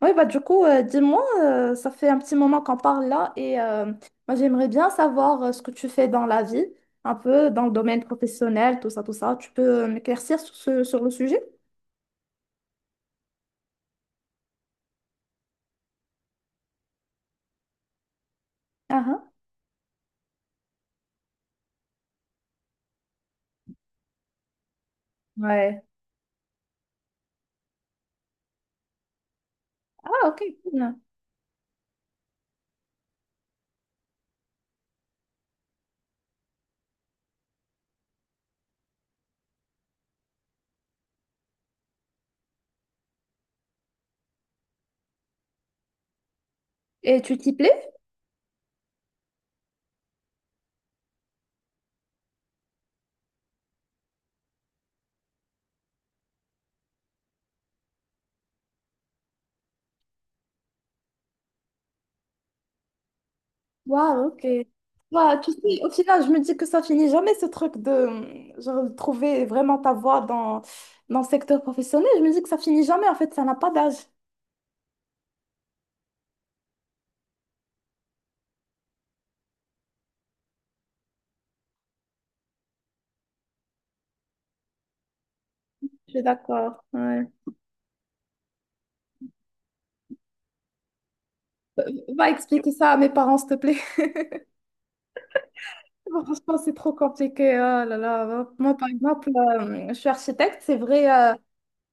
Oui, bah du coup, dis-moi, ça fait un petit moment qu'on parle là et moi j'aimerais bien savoir ce que tu fais dans la vie, un peu dans le domaine professionnel, tout ça, tout ça. Tu peux m'éclaircir sur, sur le sujet? Ah, ah. Ouais. Ah, ok, cool. Et tu t'y plais? Waouh, ok. Waouh, tu sais, au final, je me dis que ça finit jamais ce truc de genre, de trouver vraiment ta voie dans le secteur professionnel. Je me dis que ça finit jamais, en fait, ça n'a pas d'âge. Je suis d'accord. Ouais. Va expliquer ça à mes parents, s'il te plaît. Franchement, c'est trop compliqué. Oh là là. Moi, par exemple, je suis architecte. C'est vrai,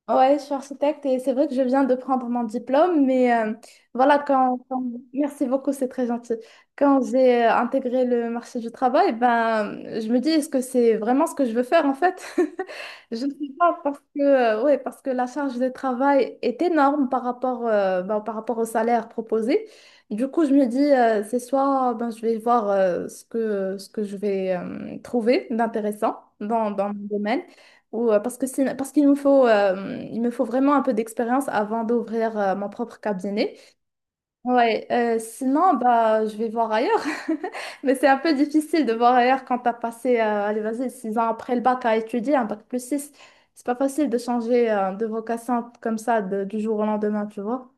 Ouais, je suis architecte et c'est vrai que je viens de prendre mon diplôme, mais voilà, quand. Merci beaucoup, c'est très gentil. Quand j'ai intégré le marché du travail, ben, je me dis, est-ce que c'est vraiment ce que je veux faire en fait? Je ne sais pas, parce que, ouais, parce que la charge de travail est énorme par rapport, ben, par rapport au salaire proposé. Du coup, je me dis, c'est soit ben, je vais voir ce ce que je vais trouver d'intéressant dans mon domaine. Ou, parce qu'il me faut, il me faut vraiment un peu d'expérience avant d'ouvrir mon propre cabinet. Ouais, sinon, bah, je vais voir ailleurs. Mais c'est un peu difficile de voir ailleurs quand tu as passé, allez, vas-y, 6 ans après le bac à étudier, un bac plus 6. C'est pas facile de changer de vocation comme ça du jour au lendemain, tu vois.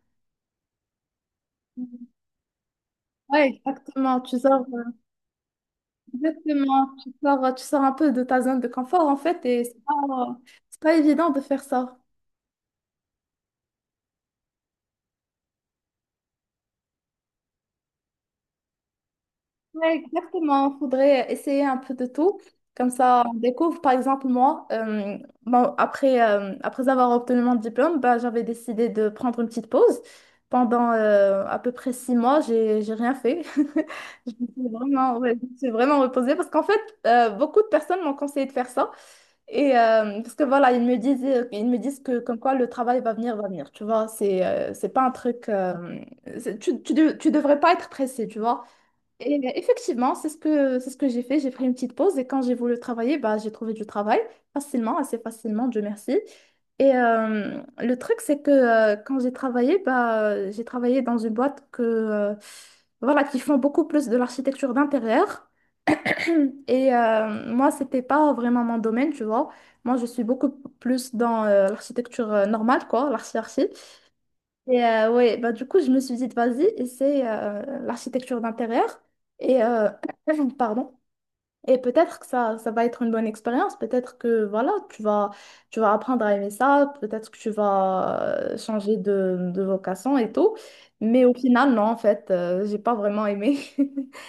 Ouais, exactement. Tu sors, exactement. Tu tu sors un peu de ta zone de confort, en fait, et c'est pas évident de faire ça. Ouais, exactement, il faudrait essayer un peu de tout. Comme ça, on découvre. Par exemple, moi, bon, après, après avoir obtenu mon diplôme, bah, j'avais décidé de prendre une petite pause. Pendant à peu près 6 mois, j'ai rien fait. Je me suis vraiment, ouais, je me suis vraiment reposée parce qu'en fait, beaucoup de personnes m'ont conseillé de faire ça. Et parce que voilà, ils me disent que comme quoi le travail va venir, va venir. Tu vois, c'est pas un truc. Tu devrais pas être pressé, tu vois. Et effectivement, c'est ce c'est ce que j'ai fait. J'ai pris une petite pause et quand j'ai voulu travailler, bah, j'ai trouvé du travail facilement, assez facilement, Dieu merci. Et le truc, c'est que quand j'ai travaillé, bah, j'ai travaillé dans une boîte que, voilà, qui font beaucoup plus de l'architecture d'intérieur. Et moi, c'était pas vraiment mon domaine, tu vois. Moi, je suis beaucoup plus dans l'architecture normale, quoi, l'archi-archi. Et ouais, bah du coup, je me suis dit, vas-y, essaie l'architecture d'intérieur. Et pardon. Et peut-être que ça va être une bonne expérience. Peut-être que voilà, tu vas apprendre à aimer ça. Peut-être que tu vas changer de vocation et tout. Mais au final, non, en fait, j'ai pas vraiment aimé.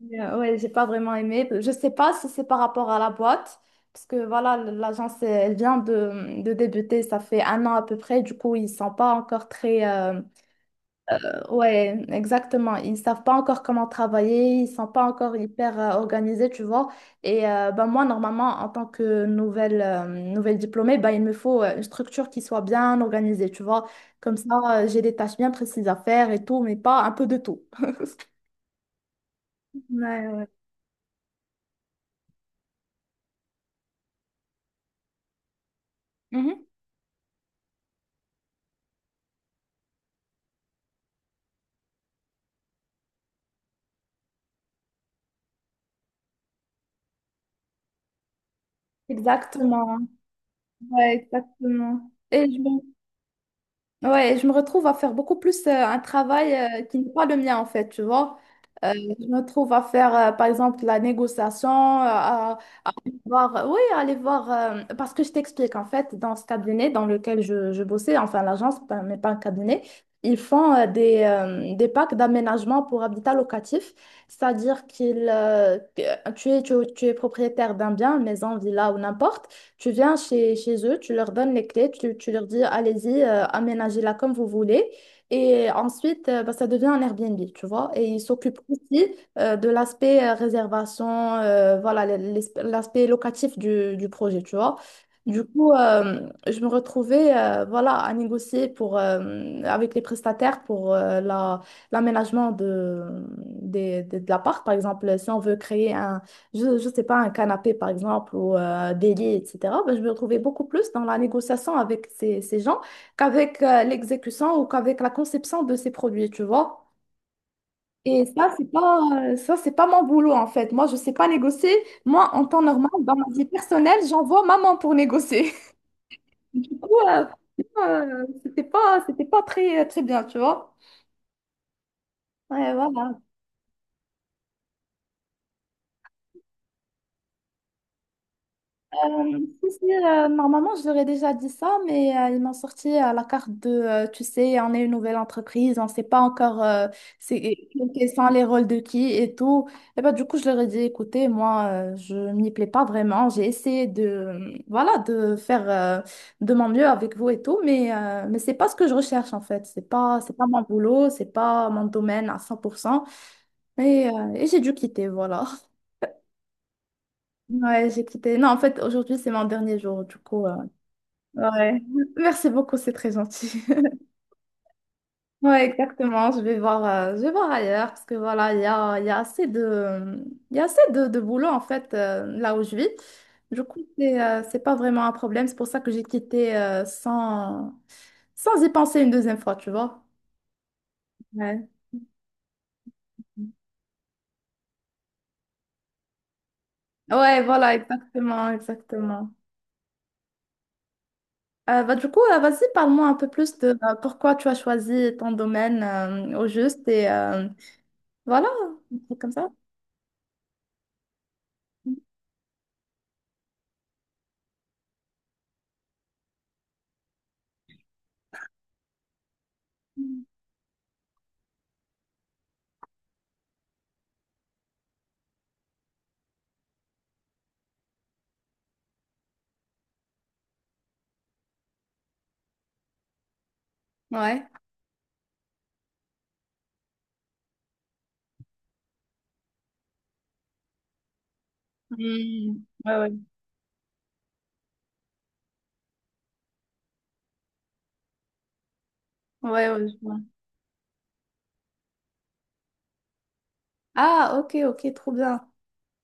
Mais, Ouais, j'ai pas vraiment aimé. Je sais pas si c'est par rapport à la boîte, parce que voilà, l'agence, elle vient de débuter, ça fait un an à peu près, du coup, ils sont pas encore très, Ouais, exactement. Ils savent pas encore comment travailler, ils sont pas encore hyper organisés, tu vois. Et ben moi, normalement, en tant que nouvelle diplômée, ben, il me faut une structure qui soit bien organisée, tu vois. Comme ça, j'ai des tâches bien précises à faire et tout, mais pas un peu de tout. Ouais, ouais. Mhm. Exactement. Ouais, exactement. Et je me Ouais, je me retrouve à faire beaucoup plus un travail qui n'est pas le mien en fait, tu vois. Je me retrouve à faire par exemple la négociation, voir, oui, aller voir, parce que je t'explique, en fait, dans ce cabinet dans lequel je bossais, enfin l'agence, mais pas un cabinet, ils font des packs d'aménagement pour habitat locatif, c'est-à-dire que tu es, tu es propriétaire d'un bien, maison, villa ou n'importe, tu viens chez, chez eux, tu leur donnes les clés, tu leur dis, allez-y, aménagez-la comme vous voulez, et ensuite, bah, ça devient un Airbnb, tu vois, et ils s'occupent aussi de l'aspect réservation, voilà, l'aspect locatif du projet, tu vois. Du coup, je me retrouvais voilà, à négocier pour, avec les prestataires pour l'aménagement de l'appart. Par exemple, si on veut créer un, je sais pas, un canapé, par exemple, ou des lits, etc., ben, je me retrouvais beaucoup plus dans la négociation avec ces, ces gens qu'avec l'exécution ou qu'avec la conception de ces produits, tu vois. Et ça, c'est pas mon boulot, en fait. Moi, je sais pas négocier. Moi, en temps normal, dans ma vie personnelle, j'envoie maman pour négocier. Du coup, c'était pas très, très bien, tu vois. Ouais, voilà. Euh, Si, si, normalement, je leur ai déjà dit ça, mais ils m'ont sorti à la carte de, tu sais, on est une nouvelle entreprise, on ne sait pas encore c'est, quels sont les rôles de qui et tout. Et ben, du coup, je leur ai dit, écoutez, moi, je m'y plais pas vraiment. J'ai essayé de, voilà, de faire de mon mieux avec vous et tout, mais c'est pas ce que je recherche, en fait. C'est pas mon boulot, c'est pas mon domaine à 100%. Et j'ai dû quitter, voilà. Ouais, j'ai quitté. Non, en fait, aujourd'hui, c'est mon dernier jour, du coup. Ouais. Merci beaucoup, c'est très gentil. Ouais, exactement. Je vais voir ailleurs parce que voilà, il y a assez de, il y a assez de boulot en fait là où je vis. Du coup, c'est pas vraiment un problème. C'est pour ça que j'ai quitté sans y penser une deuxième fois, tu vois. Ouais. Ouais, voilà, exactement, exactement. Bah, du coup, vas-y, parle-moi un peu plus de pourquoi tu as choisi ton domaine au juste et voilà, un truc comme ça. Ouais. Hmm. Ouais, ouais. Ouais, ouais, je vois. Ah, ok, ok, trop bien.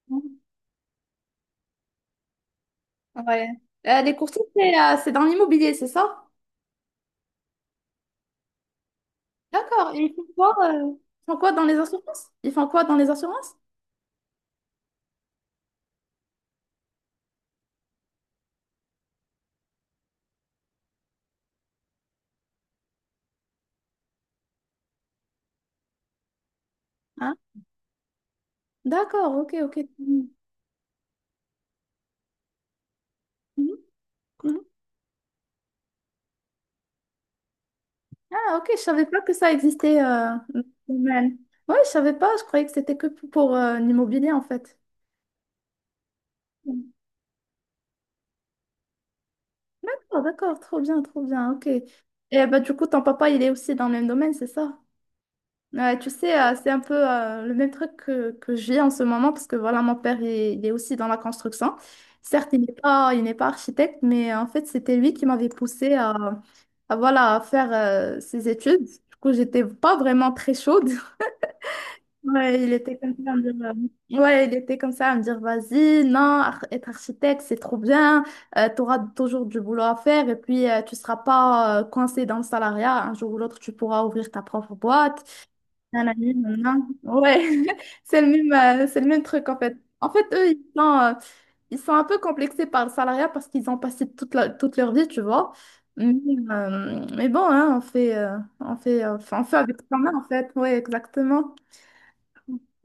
Hmm. Ouais. Les courtiers, c'est dans l'immobilier, c'est ça? D'accord. Et ils font quoi, ils font quoi dans les assurances? Ils font quoi dans les assurances? Hein? D'accord, ok, ok. Mhm, mhm, mhm. Ah, ok, je savais pas que ça existait. Dans ce domaine. Ouais, je savais pas, je croyais que c'était que pour l'immobilier en fait. D'accord, d'accord, trop bien, ok. Et bah, du coup, ton papa, il est aussi dans le même domaine, c'est ça? Ouais, tu sais, c'est un peu le même truc que je vis en ce moment, parce que voilà, mon père, il est aussi dans la construction. Certes, il n'est pas architecte, mais en fait, c'était lui qui m'avait poussé voilà, à faire ses études. Du coup, j'étais pas vraiment très chaude. Ouais, il était comme ça à me dire, ouais, il était comme ça à me dire, vas-y, non, être architecte, c'est trop bien, tu auras toujours du boulot à faire, et puis tu seras pas coincé dans le salariat. Un jour ou l'autre, tu pourras ouvrir ta propre boîte. Nanani, nanan. Ouais, c'est le même, c'est le même truc en fait. En fait, eux, ils sont un peu complexés par le salariat parce qu'ils ont passé toute leur vie, tu vois. Mais, mais bon, hein, enfin, on fait avec quand même en fait. Ouais, exactement.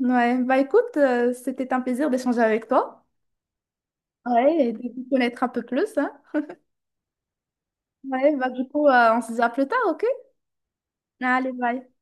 Ouais, bah écoute, c'était un plaisir d'échanger avec toi. Ouais, et de vous connaître un peu plus, hein. Ouais, bah du coup, on se dit à plus tard, ok? Allez, bye.